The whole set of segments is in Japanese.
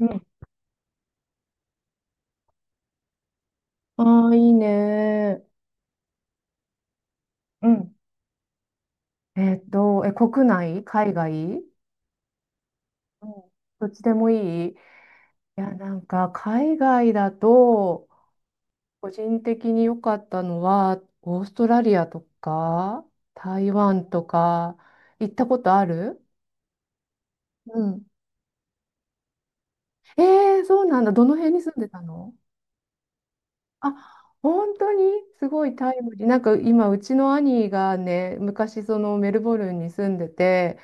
うん。ああ、いいね。うん。国内、海外？うん。どっちでもいい。なんか、海外だと、個人的に良かったのは、オーストラリアとか、台湾とか、行ったことある？うん。えー、そうなんだ。どの辺に住んでたの？あ、本当に？すごいタイムリー。なんか今、うちの兄がね、昔そのメルボルンに住んでて、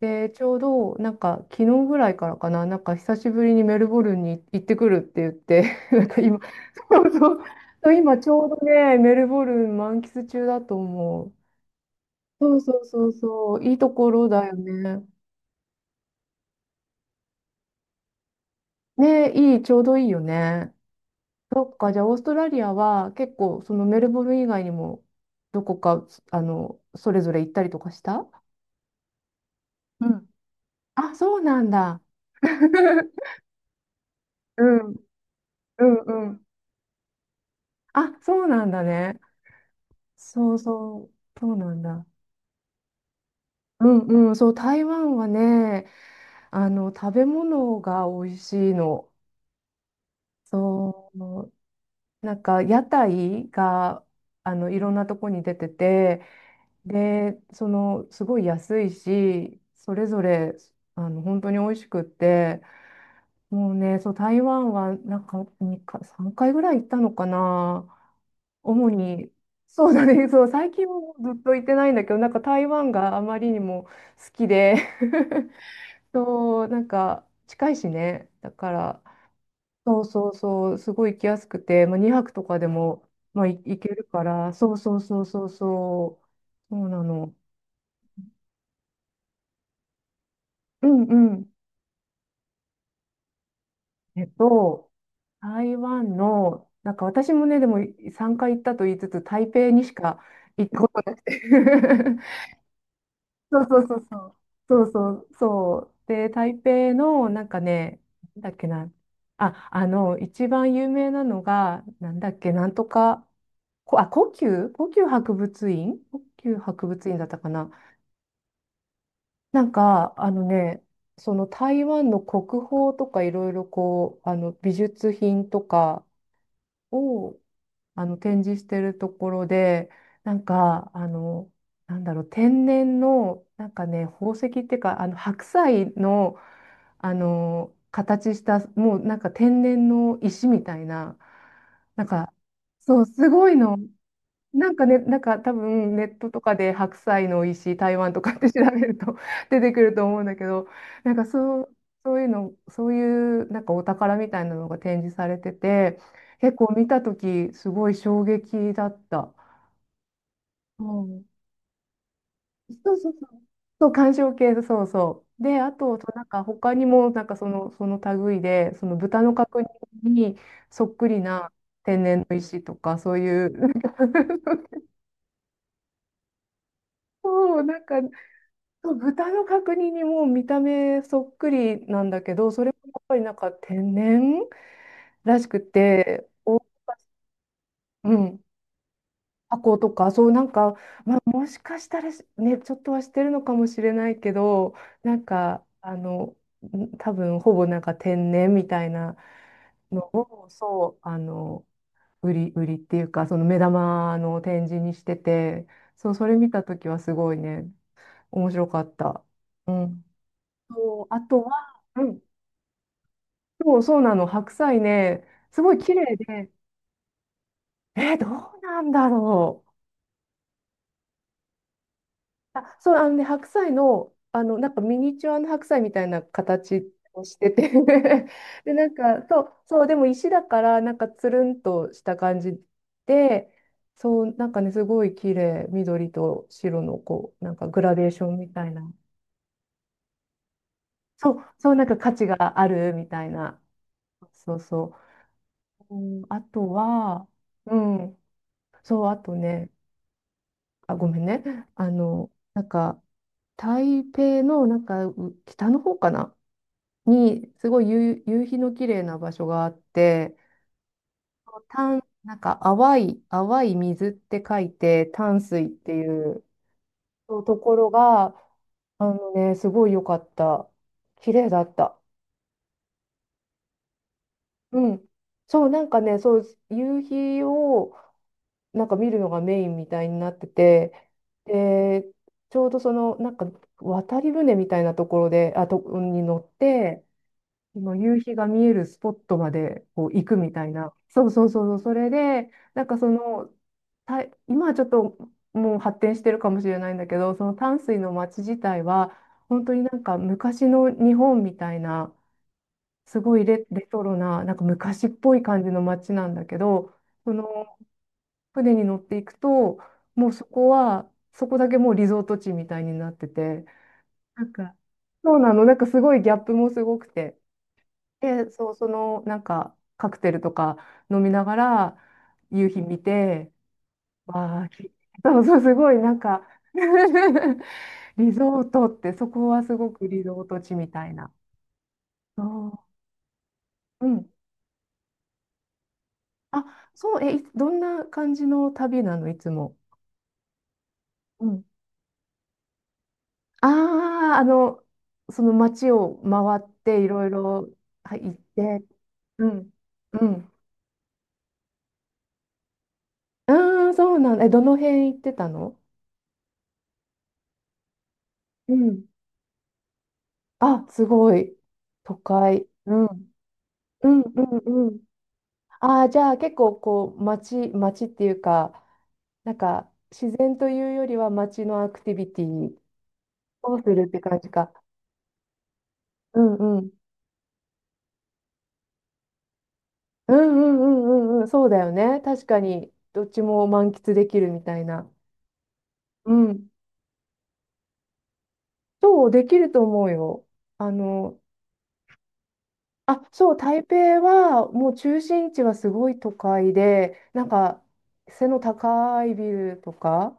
で、ちょうど、なんか、昨日ぐらいからかな、なんか、久しぶりにメルボルンに行ってくるって言って、なんか今、そうそう、そう今ちょうどね、メルボルン満喫中だと思う。そうそうそうそう、いいところだよね。ね、いい、ちょうどいいよね。そっか、じゃあ、オーストラリアは結構、そのメルボルン以外にも、どこか、それぞれ行ったりとかした？うん。あ、そうなんだ。うん、うん、うん。あ、そうなんだね。そうそう、そうなんだ。うんうん、そう、台湾はね、食べ物が美味しいの。そう、なんか屋台が、いろんなとこに出てて、で、すごい安いし、それぞれ、本当に美味しくって、もうね、そう、台湾は、なんか、2か、3回ぐらい行ったのかな。主に、そうだね、そう、最近もずっと行ってないんだけど、なんか台湾があまりにも好きで、そう、なんか近いしね。だから、そうそうそう、すごい行きやすくて、まあ、2泊とかでも、まあ、行けるから、そうそうそうそうそう、そうなの。うんうん。えっと、台湾の、なんか私もね、でも3回行ったと言いつつ、台北にしか行ったことなくて。そうそうそうそう。そうそうそう。で、台北の、なんかね、なんだっけな。あ、一番有名なのが、なんだっけ、なんとか。あ、故宮博物院だったかな？なんか、あのね、その台湾の国宝とかいろいろこう、美術品とかを展示してるところで、なんか、なんだろう、天然の、なんかね、宝石っていうか、あの白菜の、形した、もうなんか天然の石みたいな、なんか、そう、すごいの。なんかね、なんか多分ネットとかで白菜の美味しい台湾とかって調べると、 出てくると思うんだけど、なんかそう、そういうの、そういうなんかお宝みたいなのが展示されてて、結構見たときすごい衝撃だった。うん、そうそうそう。そう、鑑賞系、そうそう。で、あと、そうなんか他にも、なんかその、その類で、その豚の角煮にそっくりな天然の石とか、そういう、なんか、 そう、なんかね、豚の角煮にもう見た目そっくりなんだけど、それもやっぱりなんか天然らしくて、お、うん、箱とか、そうなんか、まあ、もしかしたらしね、ちょっとはしてるのかもしれないけど、なんか、多分ほぼなんか天然みたいなのを、そう、売りっていうか、その目玉の展示にしてて、そう、それ見たときはすごいね、面白かった。うん。そう、あとは、うん、そう、そうなの。白菜ね、すごい綺麗で、どうなんだろう。あ、そう、あのね、白菜の、なんかミニチュアの白菜みたいな形をしてて、 で、なんか、そう、そう、でも石だから、なんかつるんとした感じで、そう、なんかね、すごい綺麗、緑と白の、こう、なんかグラデーションみたいな。そう、そう、なんか価値があるみたいな。そうそう。うん、あとは、うん、そう、あとね、あ、ごめんね。なんか、台北の、なんか、北の方かな、に、すごい夕日の綺麗な場所があって、なんか、淡い水って書いて、淡水っていうそうところが、あのね、すごい良かった。綺麗だった。うん。そう、なんかね、そう、夕日を、なんか見るのがメインみたいになってて、で、ちょうどその、なんか渡り船みたいなところで、に乗って、今夕日が見えるスポットまでこう行くみたいな。そうそうそうそう、それで、なんかその、た、今はちょっともう発展してるかもしれないんだけど、その淡水の街自体は、本当になんか昔の日本みたいな、すごいレトロな、なんか昔っぽい感じの街なんだけど、その船に乗っていくと、もうそこは、そこだけもうリゾート地みたいになってて、なんか、そうなの、なんかすごいギャップもすごくて。で、そう、その、なんか、カクテルとか飲みながら、夕日見て、わあ、そうそう、すごい、なんか、 リゾートって、そこはすごくリゾート地みたいな。そう、うん。あ、そう、え、どんな感じの旅なの、いつも？ああ、その街を回っていろいろはい行って、うん、うん。ああ、そうなんだ。え、どの辺行ってたの？うん。あ、すごい。都会。うん。うん、うん、うん。ああ、じゃあ結構こう、街っていうか、なんか自然というよりは街のアクティビティをするって感じか。うんうん。うんうんうんうんうん。そうだよね。確かに、どっちも満喫できるみたいな。うん。そう、できると思うよ。あの、あ、そう、台北はもう中心地はすごい都会で、なんか背の高いビルとか、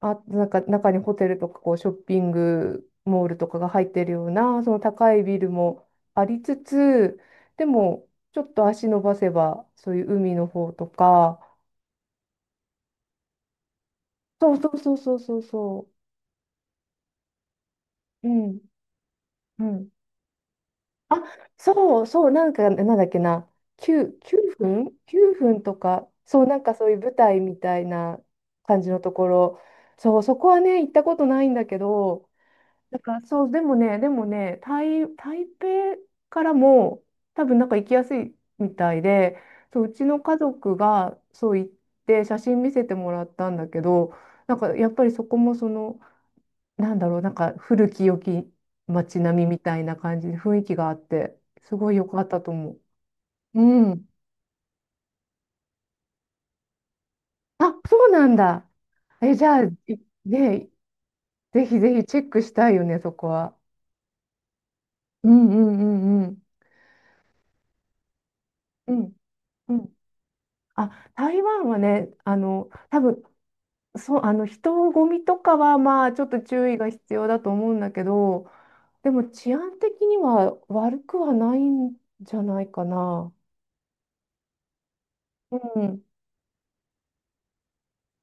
あ、なんか中にホテルとかこうショッピングモールとかが入ってるような、その高いビルもありつつ、でもちょっと足伸ばせば、そういう海の方とか、そうそうそうそうそうそう、うん、うん。あ、そう、そう、なんか、なんだっけな、9、9分 ?9 分とか、そう、なんかそういう舞台みたいな感じのところ、そう、そこはね、行ったことないんだけど、なんかそう、でもね、台北からも、多分なんか行きやすいみたいで、そう、うちの家族がそう行って、写真見せてもらったんだけど、なんかやっぱりそこもその、なんだろう、なんか古き良き街並みみたいな感じで雰囲気があって、すごい良かったと思う。うん。あ、そうなんだ。え、じゃあ、ね、ぜひぜひチェックしたいよね、そこは。うんうんうんうん。うんうん。あ、台湾はね、多分、そう、人混みとかは、まあ、ちょっと注意が必要だと思うんだけど、でも治安的には悪くはないんじゃないかな。うん。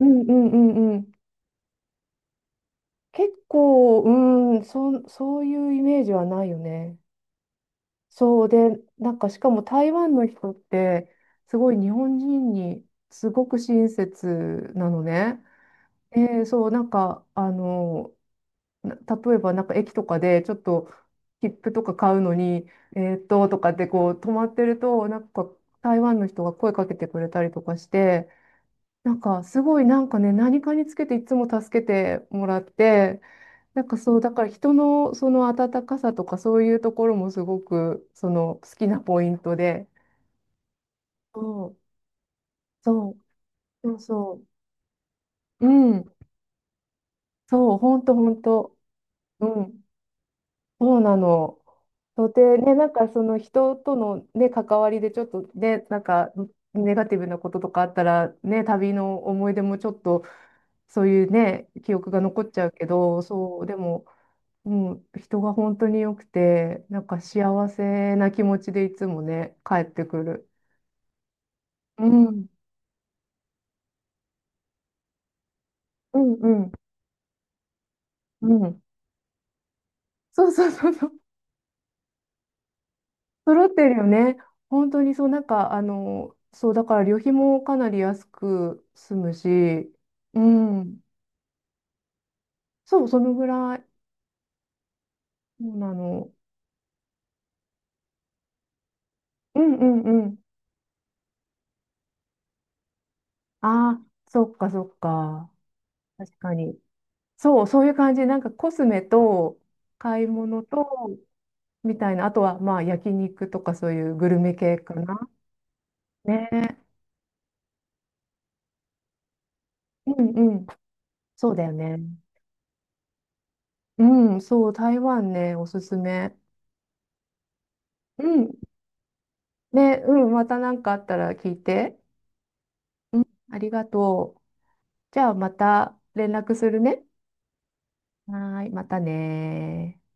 うんうんうんうん。結構、うん、そういうイメージはないよね。そうで、なんかしかも台湾の人って、すごい日本人にすごく親切なのね。で、そう、なんか、例えばなんか駅とかでちょっと切符とか買うのに、えーっと、とかってこう止まってると、なんか台湾の人が声かけてくれたりとかして、なんかすごいなんかね、何かにつけていつも助けてもらって、なんかそう、だから人のその温かさとかそういうところもすごくその好きなポイントで。そう、そう、そうそう。うん、そう、ほんとほんと。うん、そうなの。そうで、ね、なんかその人とのね、関わりでちょっとね、なんかネガティブなこととかあったら、ね、旅の思い出もちょっとそういうね、記憶が残っちゃうけど、そう、でも、もう人が本当に良くて、なんか幸せな気持ちでいつもね、帰ってくる。うん、うん、うん、うん。そうそうそうそう。揃ってるよね。本当にそう、なんか、そう、だから旅費もかなり安く済むし、うん。そう、そのぐらい。そうなの。うんうんうん。ああ、そっかそっか。確かに。そう、そういう感じ。なんかコスメと買い物と、みたいな。あとは、まあ、焼肉とかそういうグルメ系かな。ね。うんうん。そうだよね。うん、そう、台湾ね、おすすめ。うん。ね、うん、また何かあったら聞いて。うん、ありがとう。じゃあ、また連絡するね。はーい、またねー。